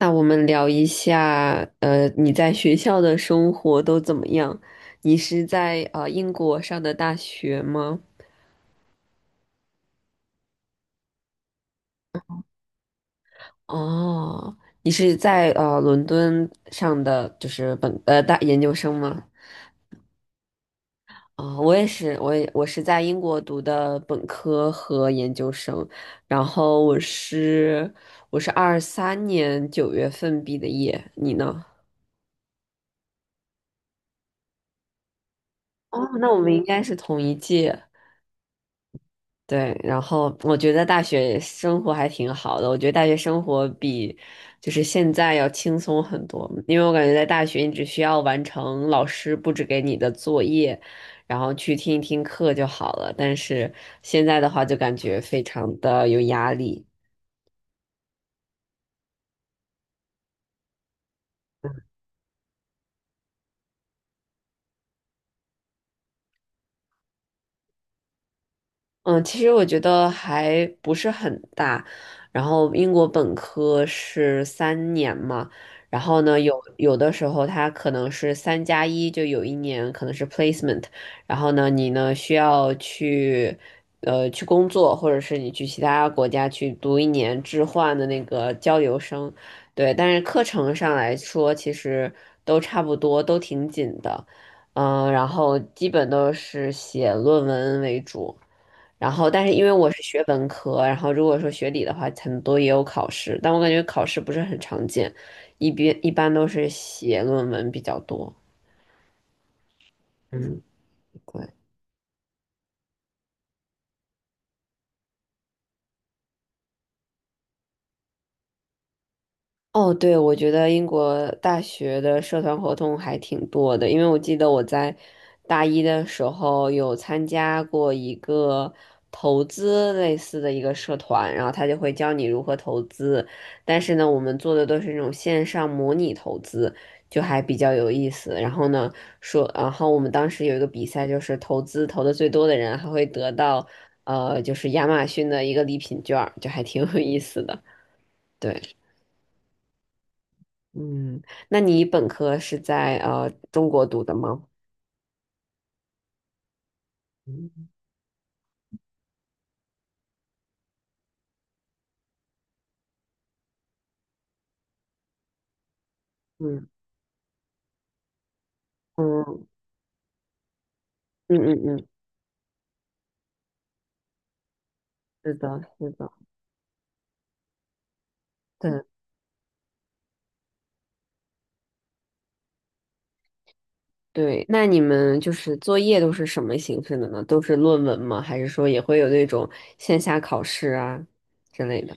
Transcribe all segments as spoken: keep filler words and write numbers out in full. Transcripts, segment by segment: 那我们聊一下，呃，你在学校的生活都怎么样？你是在呃英国上的大学吗？哦，你是在呃伦敦上的就是本呃大研究生吗？啊、我也是，我也我是在英国读的本科和研究生，然后我是我是二三年九月份毕的业，你呢？哦，那我们应该是同一届。对，然后我觉得大学生活还挺好的，我觉得大学生活比就是现在要轻松很多，因为我感觉在大学你只需要完成老师布置给你的作业，然后去听一听课就好了，但是现在的话就感觉非常的有压力。嗯，其实我觉得还不是很大。然后英国本科是三年嘛，然后呢，有有的时候它可能是三加一，就有一年可能是 placement,然后呢，你呢需要去呃去工作，或者是你去其他国家去读一年置换的那个交流生，对。但是课程上来说，其实都差不多，都挺紧的，嗯，然后基本都是写论文为主。然后，但是因为我是学文科，然后如果说学理的话，很多也有考试，但我感觉考试不是很常见，一边一般都是写论文比较多。嗯，对。哦，对，我觉得英国大学的社团活动还挺多的，因为我记得我在大一的时候有参加过一个投资类似的一个社团，然后他就会教你如何投资，但是呢，我们做的都是那种线上模拟投资，就还比较有意思。然后呢，说，然后我们当时有一个比赛，就是投资投的最多的人还会得到，呃，就是亚马逊的一个礼品券儿，就还挺有意思的。对。嗯，那你本科是在呃中国读的吗？嗯嗯嗯嗯嗯嗯，是的，是的，对对。那你们就是作业都是什么形式的呢？都是论文吗？还是说也会有那种线下考试啊之类的？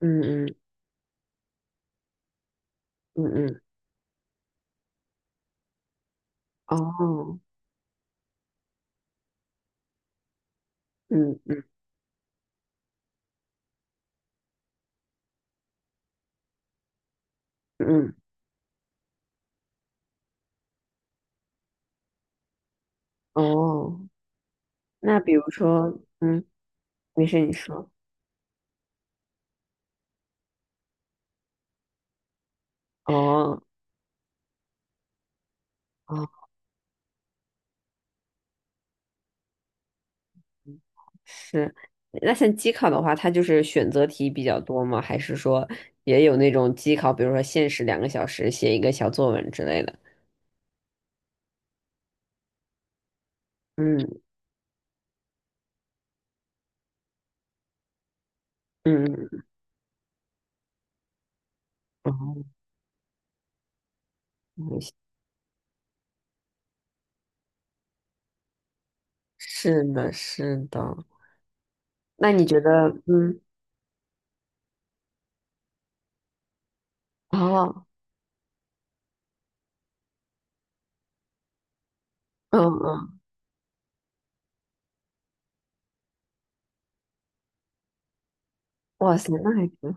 嗯嗯嗯嗯，哦，嗯嗯嗯，哦，那比如说，嗯，没事，你说，哦。哦。是，那像机考的话，它就是选择题比较多吗？还是说也有那种机考，比如说限时两个小时写一个小作文之类的？嗯嗯哦，嗯是的，是的。那你觉得，嗯，哦，嗯嗯，哇塞，那还挺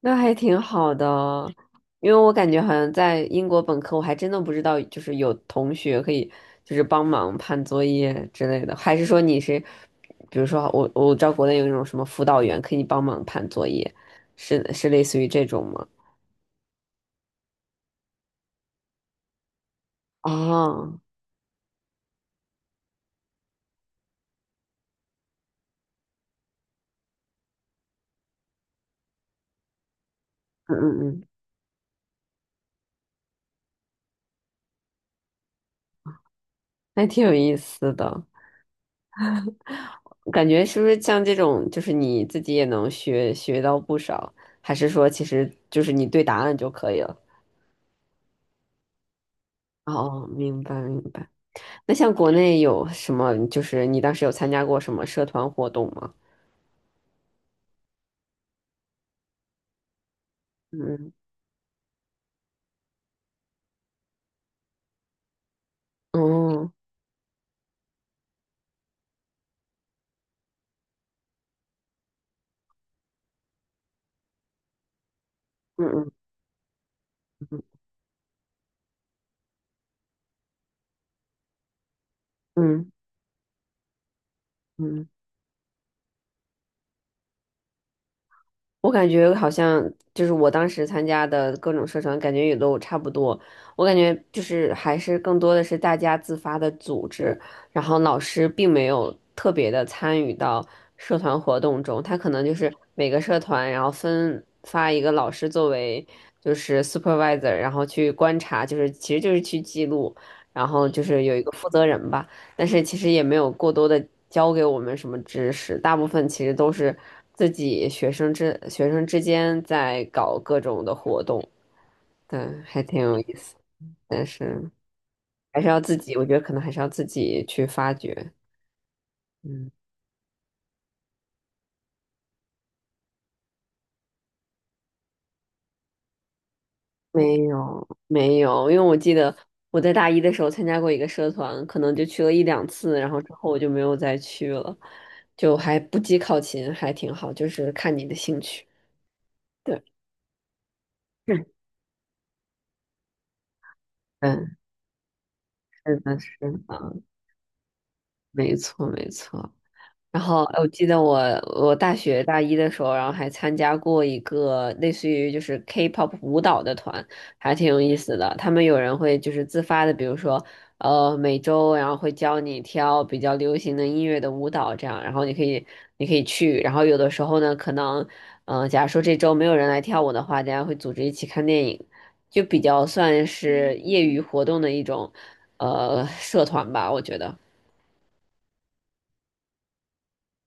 那还挺好的，因为我感觉好像在英国本科，我还真的不知道，就是有同学可以就是帮忙判作业之类的，还是说你是，比如说我我知道国内有那种什么辅导员可以帮忙判作业，是是类似于这种吗？哦，嗯嗯嗯，还挺有意思的，感觉是不是像这种，就是你自己也能学学到不少，还是说其实就是你对答案就可以了？哦，明白明白。那像国内有什么？就是你当时有参加过什么社团活动吗？嗯，哦，嗯嗯嗯嗯嗯。我感觉好像就是我当时参加的各种社团，感觉也都差不多。我感觉就是还是更多的是大家自发的组织，然后老师并没有特别的参与到社团活动中，他可能就是每个社团然后分发一个老师作为就是 supervisor,然后去观察，就是其实就是去记录，然后就是有一个负责人吧。但是其实也没有过多的教给我们什么知识，大部分其实都是自己学生之学生之间在搞各种的活动，对，还挺有意思，但是还是要自己，我觉得可能还是要自己去发掘，嗯，没有没有，因为我记得我在大一的时候参加过一个社团，可能就去了一两次，然后之后我就没有再去了，就还不计考勤，还挺好，就是看你的兴趣，对，嗯，嗯是的，是的。没错，没错。然后呃我记得我我大学大一的时候，然后还参加过一个类似于就是 K pop 舞蹈的团，还挺有意思的。他们有人会就是自发的，比如说呃每周，然后会教你跳比较流行的音乐的舞蹈，这样，然后你可以你可以去。然后有的时候呢，可能嗯、呃假如说这周没有人来跳舞的话，大家会组织一起看电影，就比较算是业余活动的一种呃社团吧，我觉得。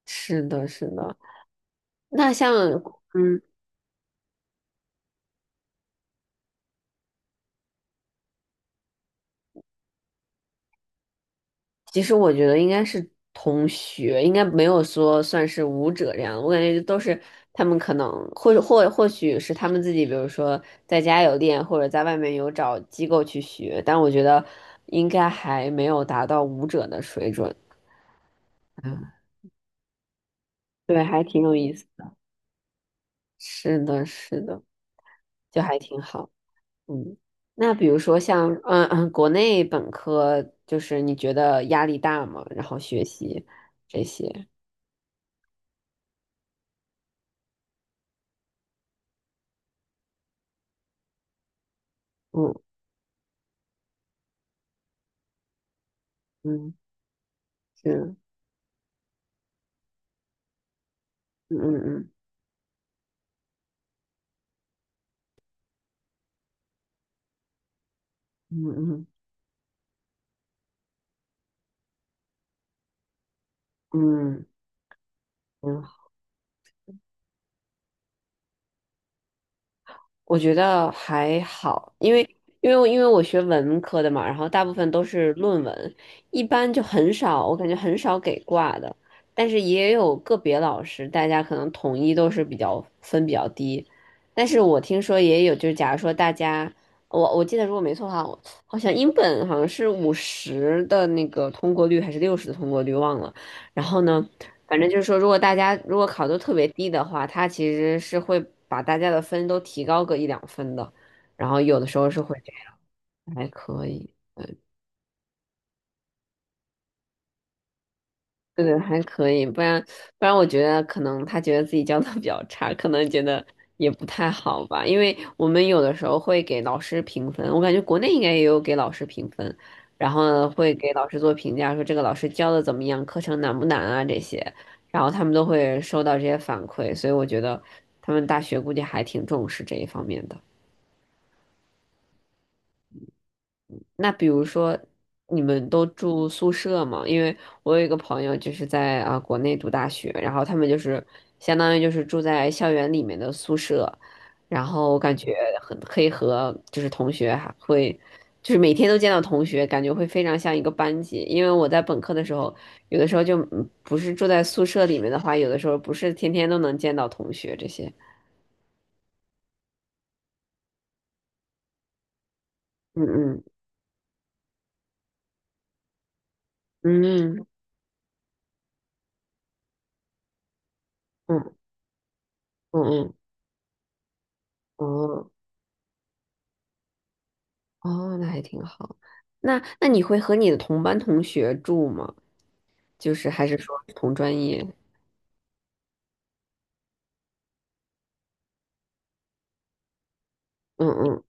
是的，是的。那像，嗯，其实我觉得应该是同学，应该没有说算是舞者这样我感觉都是他们可能或或或许是他们自己，比如说在家有练，或者在外面有找机构去学。但我觉得应该还没有达到舞者的水准。嗯，对，还挺有意思。是的，是的，就还挺好。嗯，那比如说像嗯嗯，国内本科就是你觉得压力大吗？然后学习这些，嗯嗯是，嗯嗯嗯嗯嗯嗯嗯，我觉得还好，因为因为我因为我学文科的嘛，然后大部分都是论文，一般就很少，我感觉很少给挂的，但是也有个别老师，大家可能统一都是比较分比较低，但是我听说也有，就是假如说大家，我我记得如果没错的话，我好像英本好像是五十的那个通过率还是六十的通过率，忘了。然后呢，反正就是说，如果大家如果考得特别低的话，它其实是会把大家的分都提高个一两分的，然后有的时候是会这样，还可以。对对，还可以，不然不然，我觉得可能他觉得自己教的比较差，可能觉得也不太好吧。因为我们有的时候会给老师评分，我感觉国内应该也有给老师评分，然后呢会给老师做评价，说这个老师教的怎么样，课程难不难啊这些，然后他们都会收到这些反馈，所以我觉得他们大学估计还挺重视这一方面的。那比如说，你们都住宿舍吗？因为我有一个朋友就是在啊、国内读大学，然后他们就是相当于就是住在校园里面的宿舍，然后感觉很可以和就是同学还会就是每天都见到同学，感觉会非常像一个班级。因为我在本科的时候，有的时候就嗯不是住在宿舍里面的话，有的时候不是天天都能见到同学这些。嗯嗯嗯嗯嗯嗯嗯，哦。哦，那还挺好。那那你会和你的同班同学住吗？就是还是说同专业？嗯嗯，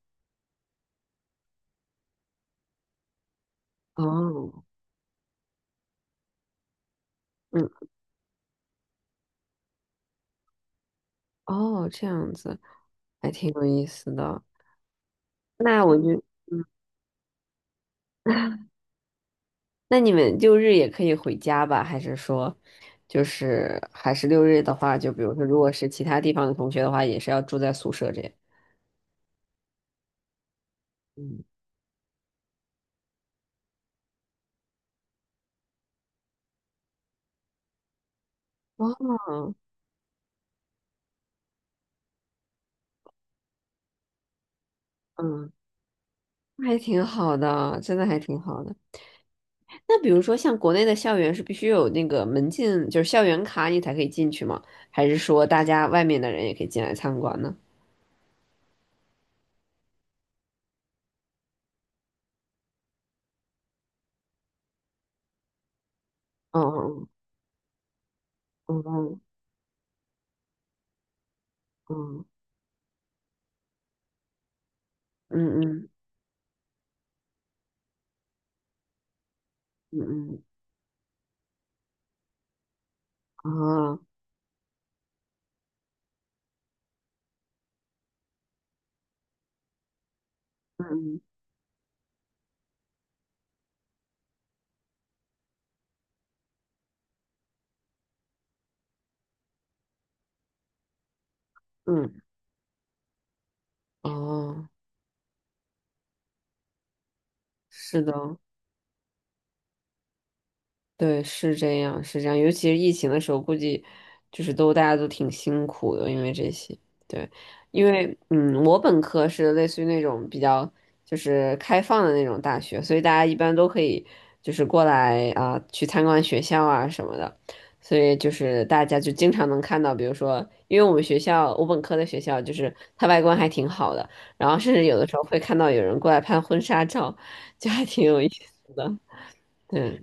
哦，嗯哦，这样子还挺有意思的。那我就，那你们六日也可以回家吧？还是说，就是还是六日的话，就比如说，如果是其他地方的同学的话，也是要住在宿舍这样。嗯，哦，嗯，那还挺好的，真的还挺好的。那比如说，像国内的校园是必须有那个门禁，就是校园卡你才可以进去吗？还是说大家外面的人也可以进来参观呢？嗯嗯嗯嗯嗯嗯嗯嗯嗯啊嗯嗯嗯哦，是的，对，是这样，是这样。尤其是疫情的时候，估计就是都大家都挺辛苦的，因为这些。对，因为嗯，我本科是类似于那种比较就是开放的那种大学，所以大家一般都可以就是过来啊、去参观学校啊什么的。所以就是大家就经常能看到，比如说，因为我们学校，我本科的学校就是它外观还挺好的，然后甚至有的时候会看到有人过来拍婚纱照，就还挺有意思的。对。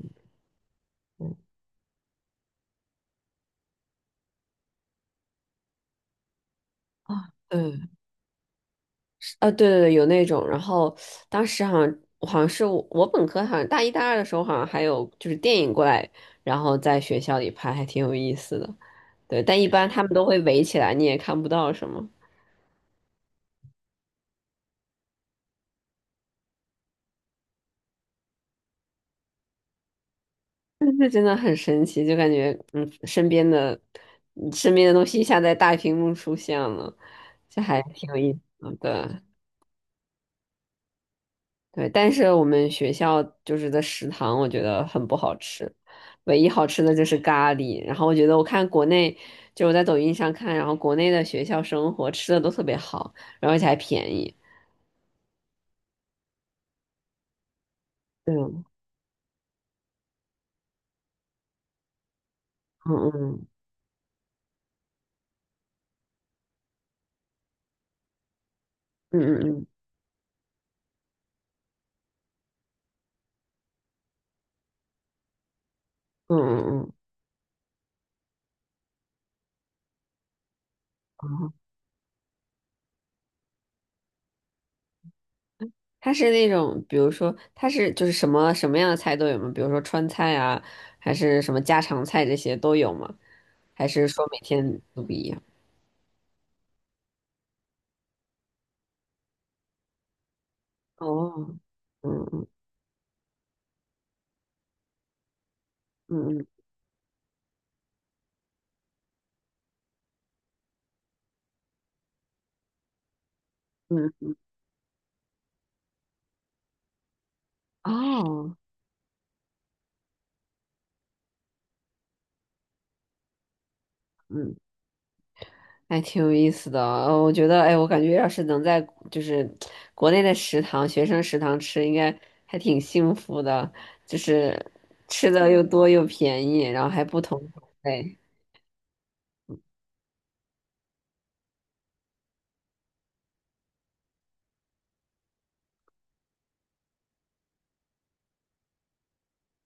嗯啊，嗯。呃，对对对，有那种。然后当时好像好像是我，我本科好像大一大二的时候，好像还有就是电影过来，然后在学校里拍，还挺有意思的。对，但一般他们都会围起来，你也看不到什么。但是真的很神奇，就感觉嗯，身边的身边的东西一下在大屏幕出现了，这还挺有意思的。对对，但是我们学校就是的食堂，我觉得很不好吃，唯一好吃的就是咖喱。然后我觉得我看国内，就我在抖音上看，然后国内的学校生活吃的都特别好，然后而且还便宜。对，嗯嗯嗯嗯嗯嗯嗯嗯，它是那种，比如说它是就是什么什么样的菜都有吗？比如说川菜啊，还是什么家常菜这些都有吗？还是说每天都不一样？哦，嗯嗯嗯嗯嗯，哦。嗯，还挺有意思的哦，我觉得，哎，我感觉要是能在就是国内的食堂、学生食堂吃，应该还挺幸福的，就是吃的又多又便宜，然后还不同口味。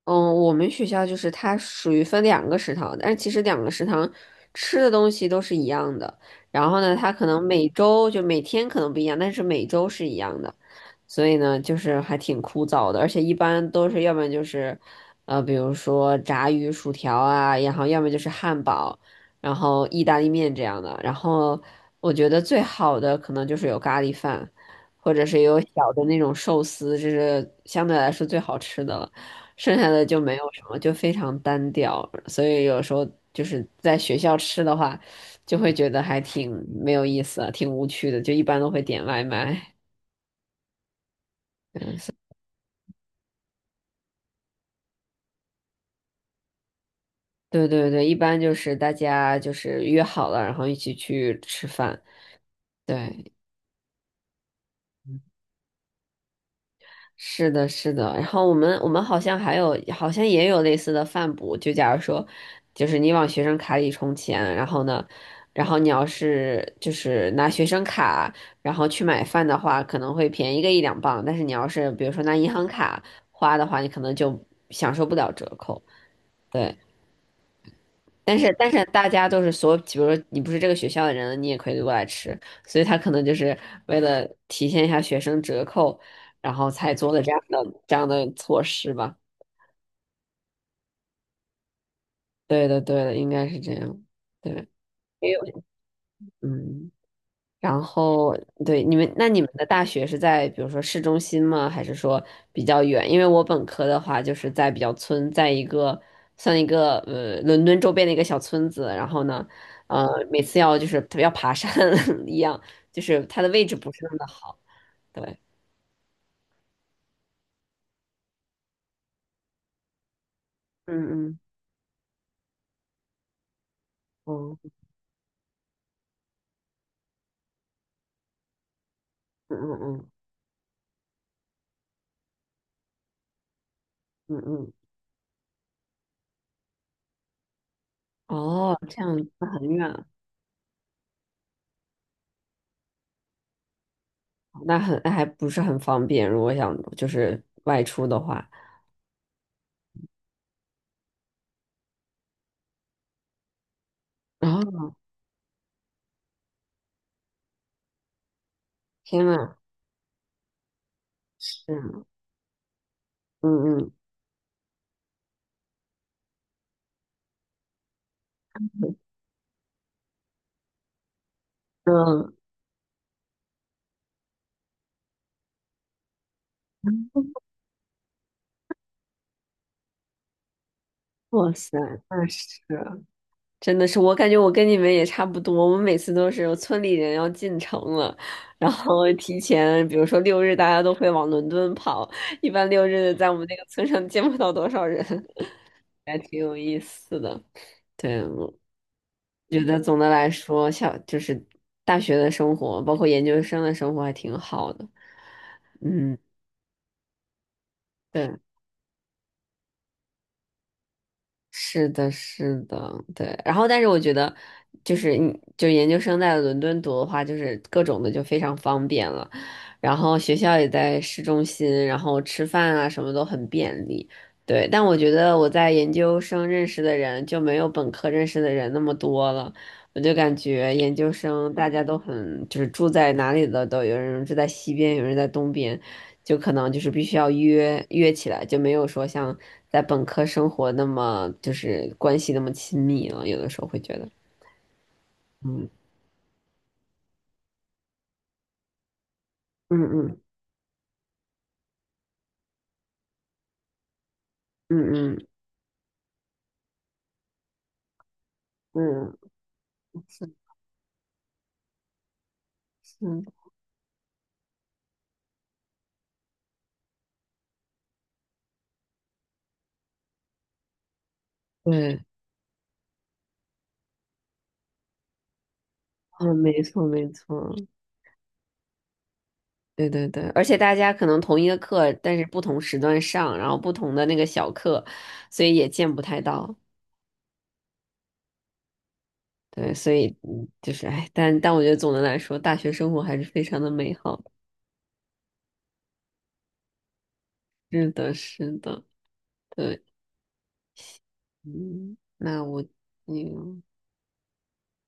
嗯，我们学校就是它属于分两个食堂，但是其实两个食堂吃的东西都是一样的。然后呢，它可能每周就每天可能不一样，但是每周是一样的。所以呢，就是还挺枯燥的，而且一般都是要不然就是，呃，比如说炸鱼薯条啊，然后要么就是汉堡，然后意大利面这样的。然后我觉得最好的可能就是有咖喱饭，或者是有小的那种寿司，这是相对来说最好吃的了。剩下的就没有什么，就非常单调，所以有时候就是在学校吃的话，就会觉得还挺没有意思啊，挺无趣的，就一般都会点外卖。嗯，所对对对，一般就是大家就是约好了，然后一起去吃饭。对，是的，是的。然后我们我们好像还有，好像也有类似的饭补。就假如说，就是你往学生卡里充钱，然后呢，然后你要是就是拿学生卡，然后去买饭的话，可能会便宜个一两磅。但是你要是比如说拿银行卡花的话，你可能就享受不了折扣。对。但是但是大家都是所，比如说你不是这个学校的人，你也可以过来吃，所以他可能就是为了体现一下学生折扣，然后才做的这样的这样的措施吧。对的，对的，应该是这样。对，因为嗯。然后，对，你们，那你们的大学是在比如说市中心吗？还是说比较远？因为我本科的话就是在比较村，在一个算一个呃伦敦周边的一个小村子。然后呢，呃，每次要就是要爬山 一样，就是它的位置不是那么的好。对，嗯嗯嗯嗯嗯嗯嗯嗯，哦，这样那很远，那很那还不是很方便。如果想就是外出的话，然后天呐，是啊，嗯嗯嗯。哇塞，那是真的是，我感觉我跟你们也差不多。我们每次都是有村里人要进城了，然后提前，比如说六日，大家都会往伦敦跑。一般六日在我们那个村上见不到多少人，还挺有意思的。对，我觉得总的来说，小就是大学的生活，包括研究生的生活还挺好的。嗯，对。是的，是的，对。然后，但是我觉得，就是你就研究生在伦敦读的话，就是各种的就非常方便了，然后学校也在市中心，然后吃饭啊什么都很便利。对，但我觉得我在研究生认识的人就没有本科认识的人那么多了，我就感觉研究生大家都很，就是住在哪里的都有人住在西边，有人在东边，就可能就是必须要约约起来，就没有说像在本科生活那么就是关系那么亲密了。有的时候会觉得，嗯嗯嗯嗯嗯嗯，是是，对，嗯，没错没错，对对对，而且大家可能同一个课，但是不同时段上，然后不同的那个小课，所以也见不太到。对，所以嗯就是哎，但但我觉得总的来说，大学生活还是非常的美好的。是的，是的，对。嗯，那我，嗯，